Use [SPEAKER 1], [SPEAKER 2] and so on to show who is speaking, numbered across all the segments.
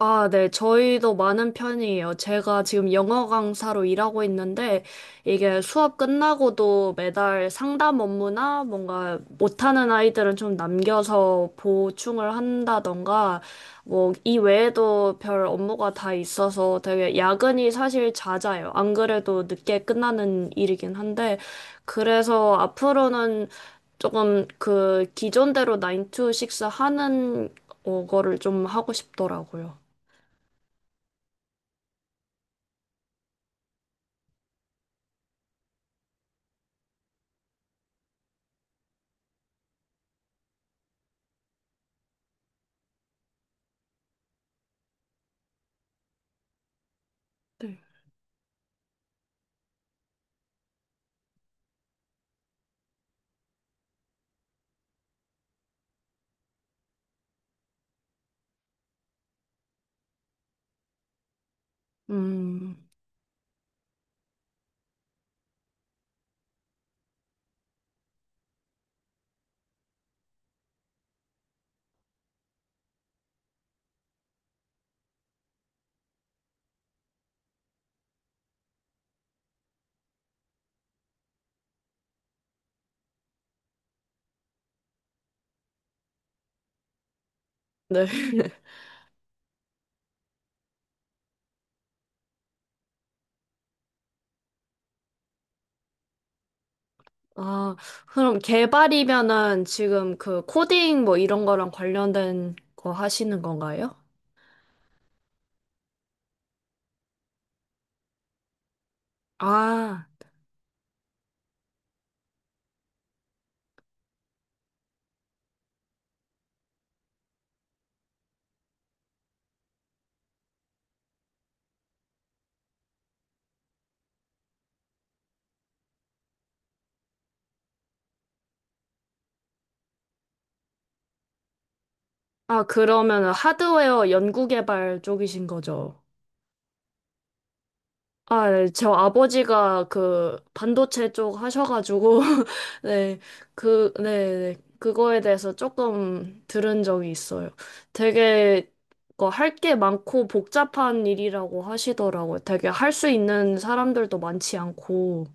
[SPEAKER 1] 아, 네. 저희도 많은 편이에요. 제가 지금 영어 강사로 일하고 있는데, 이게 수업 끝나고도 매달 상담 업무나 뭔가 못하는 아이들은 좀 남겨서 보충을 한다던가, 뭐, 이 외에도 별 업무가 다 있어서 되게 야근이 사실 잦아요. 안 그래도 늦게 끝나는 일이긴 한데, 그래서 앞으로는 조금 그 기존대로 9 to 6 하는 거를 좀 하고 싶더라고요. 네. 음, 네. 아, 그럼 개발이면은 지금 그 코딩 뭐 이런 거랑 관련된 거 하시는 건가요? 아, 아, 그러면은 하드웨어 연구 개발 쪽이신 거죠? 아, 네. 저 아버지가 그 반도체 쪽 하셔가지고 네, 그, 네, 네. 그거에 대해서 조금 들은 적이 있어요. 되게 그 할게 많고 복잡한 일이라고 하시더라고요. 되게 할 수 있는 사람들도 많지 않고.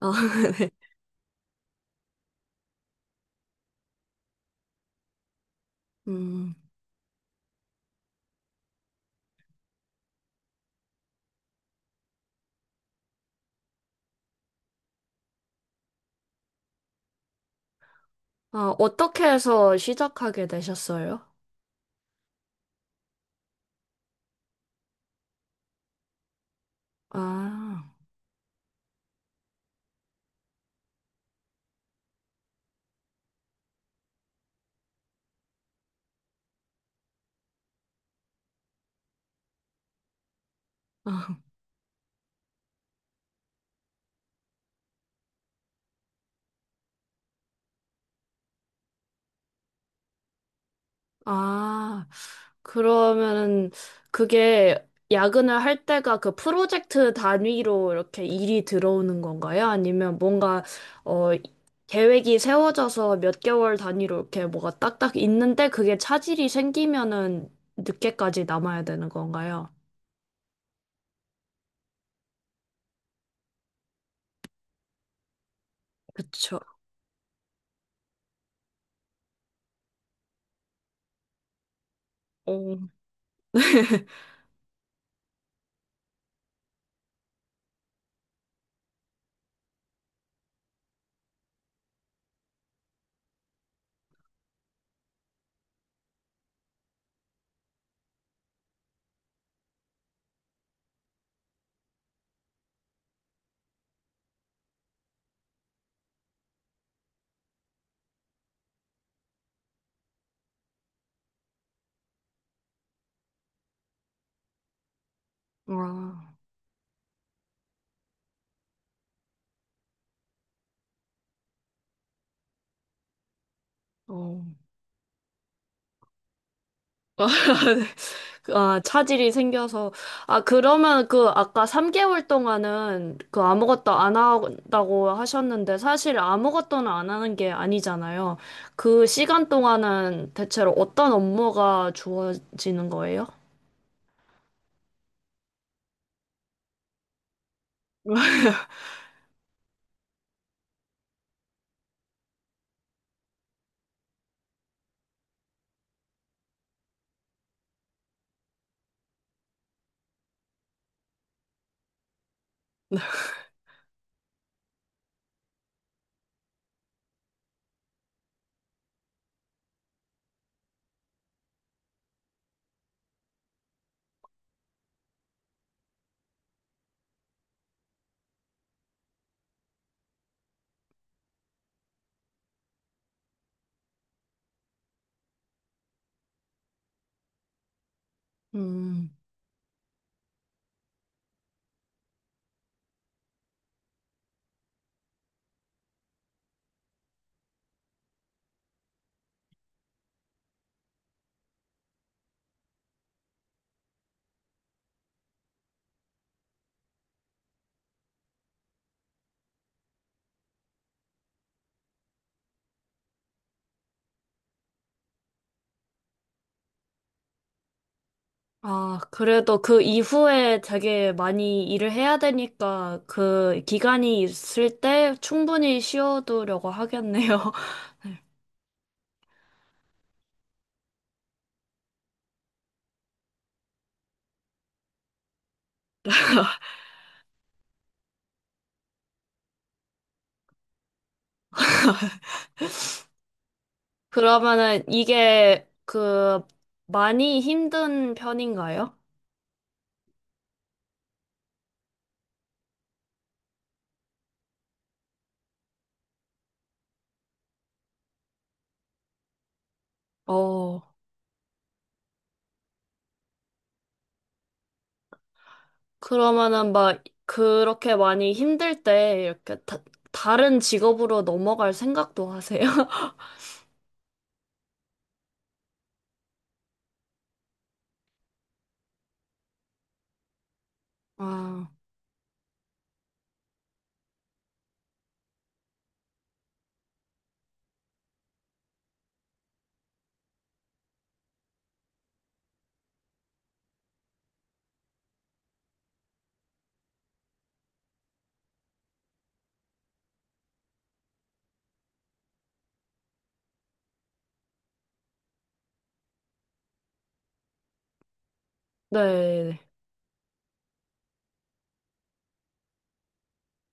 [SPEAKER 1] 아, 네. 음. 아, 어떻게 해서 시작하게 되셨어요? 아. 아. 아, 그러면은 그게 야근을 할 때가 그 프로젝트 단위로 이렇게 일이 들어오는 건가요? 아니면 뭔가 어 계획이 세워져서 몇 개월 단위로 이렇게 뭐가 딱딱 있는데 그게 차질이 생기면은 늦게까지 남아야 되는 건가요? 그쵸. 어. 아, 어. 아, 차질이 생겨서. 아, 그러면 그 아까 3개월 동안은 그 아무것도 안 한다고 하셨는데 사실 아무것도는 안 하는 게 아니잖아요. 그 시간 동안은 대체로 어떤 업무가 주어지는 거예요? 음. 아, 그래도 그 이후에 되게 많이 일을 해야 되니까 그 기간이 있을 때 충분히 쉬어두려고 하겠네요. 그러면은 이게 그 많이 힘든 편인가요? 어, 그러면은 막 그렇게 많이 힘들 때 이렇게 다른 직업으로 넘어갈 생각도 하세요? 아, 네.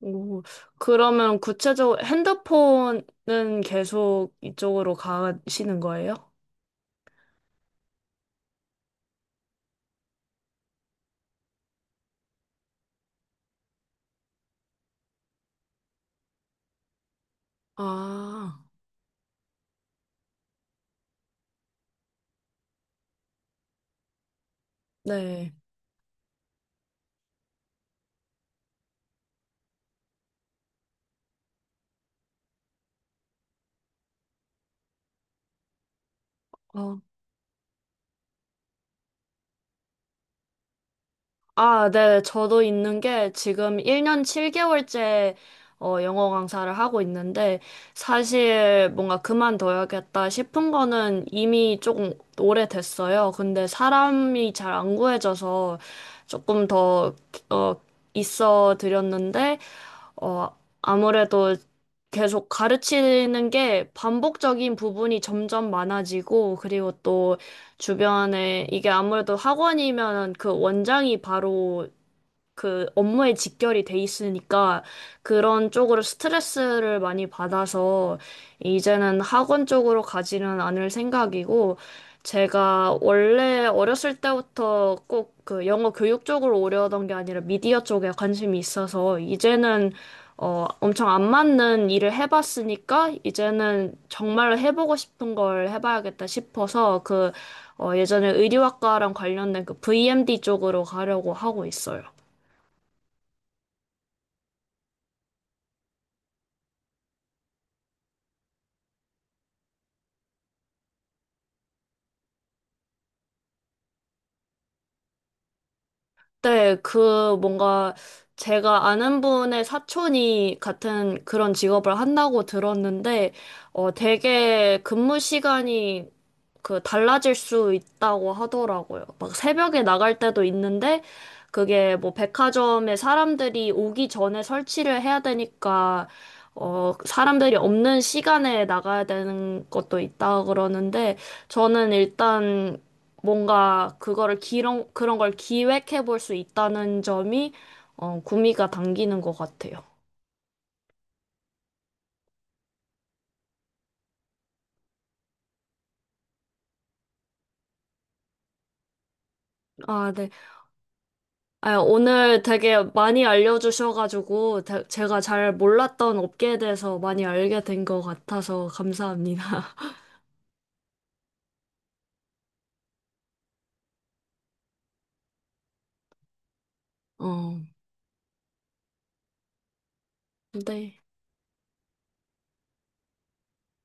[SPEAKER 1] 오, 그러면 구체적으로 핸드폰은 계속 이쪽으로 가시는 거예요? 아, 네. 어. 아, 네. 저도 있는 게 지금 1년 7개월째 영어 강사를 하고 있는데 사실 뭔가 그만둬야겠다 싶은 거는 이미 조금 오래됐어요. 근데 사람이 잘 안 구해져서 조금 더 어, 있어 드렸는데 어, 아무래도 계속 가르치는 게 반복적인 부분이 점점 많아지고, 그리고 주변에 이게 아무래도 학원이면 그 원장이 바로 그 업무에 직결이 돼 있으니까 그런 쪽으로 스트레스를 많이 받아서 이제는 학원 쪽으로 가지는 않을 생각이고, 제가 원래 어렸을 때부터 꼭 그 영어 교육 쪽으로 오려던 게 아니라 미디어 쪽에 관심이 있어서 이제는 엄청 안 맞는 일을 해봤으니까 이제는 정말로 해보고 싶은 걸 해봐야겠다 싶어서 예전에 의류학과랑 관련된 그 VMD 쪽으로 가려고 하고 있어요. 네, 그 뭔가 제가 아는 분의 사촌이 같은 그런 직업을 한다고 들었는데, 어, 되게 근무 시간이 그 달라질 수 있다고 하더라고요. 막 새벽에 나갈 때도 있는데, 그게 뭐 백화점에 사람들이 오기 전에 설치를 해야 되니까, 어, 사람들이 없는 시간에 나가야 되는 것도 있다 그러는데, 저는 일단 뭔가 그거를 그런 걸 기획해 볼 수 있다는 점이 어, 구미가 당기는 것 같아요. 아, 네. 아, 오늘 되게 많이 알려주셔가지고 제가 잘 몰랐던 업계에 대해서 많이 알게 된 것 같아서 감사합니다. 어, 네.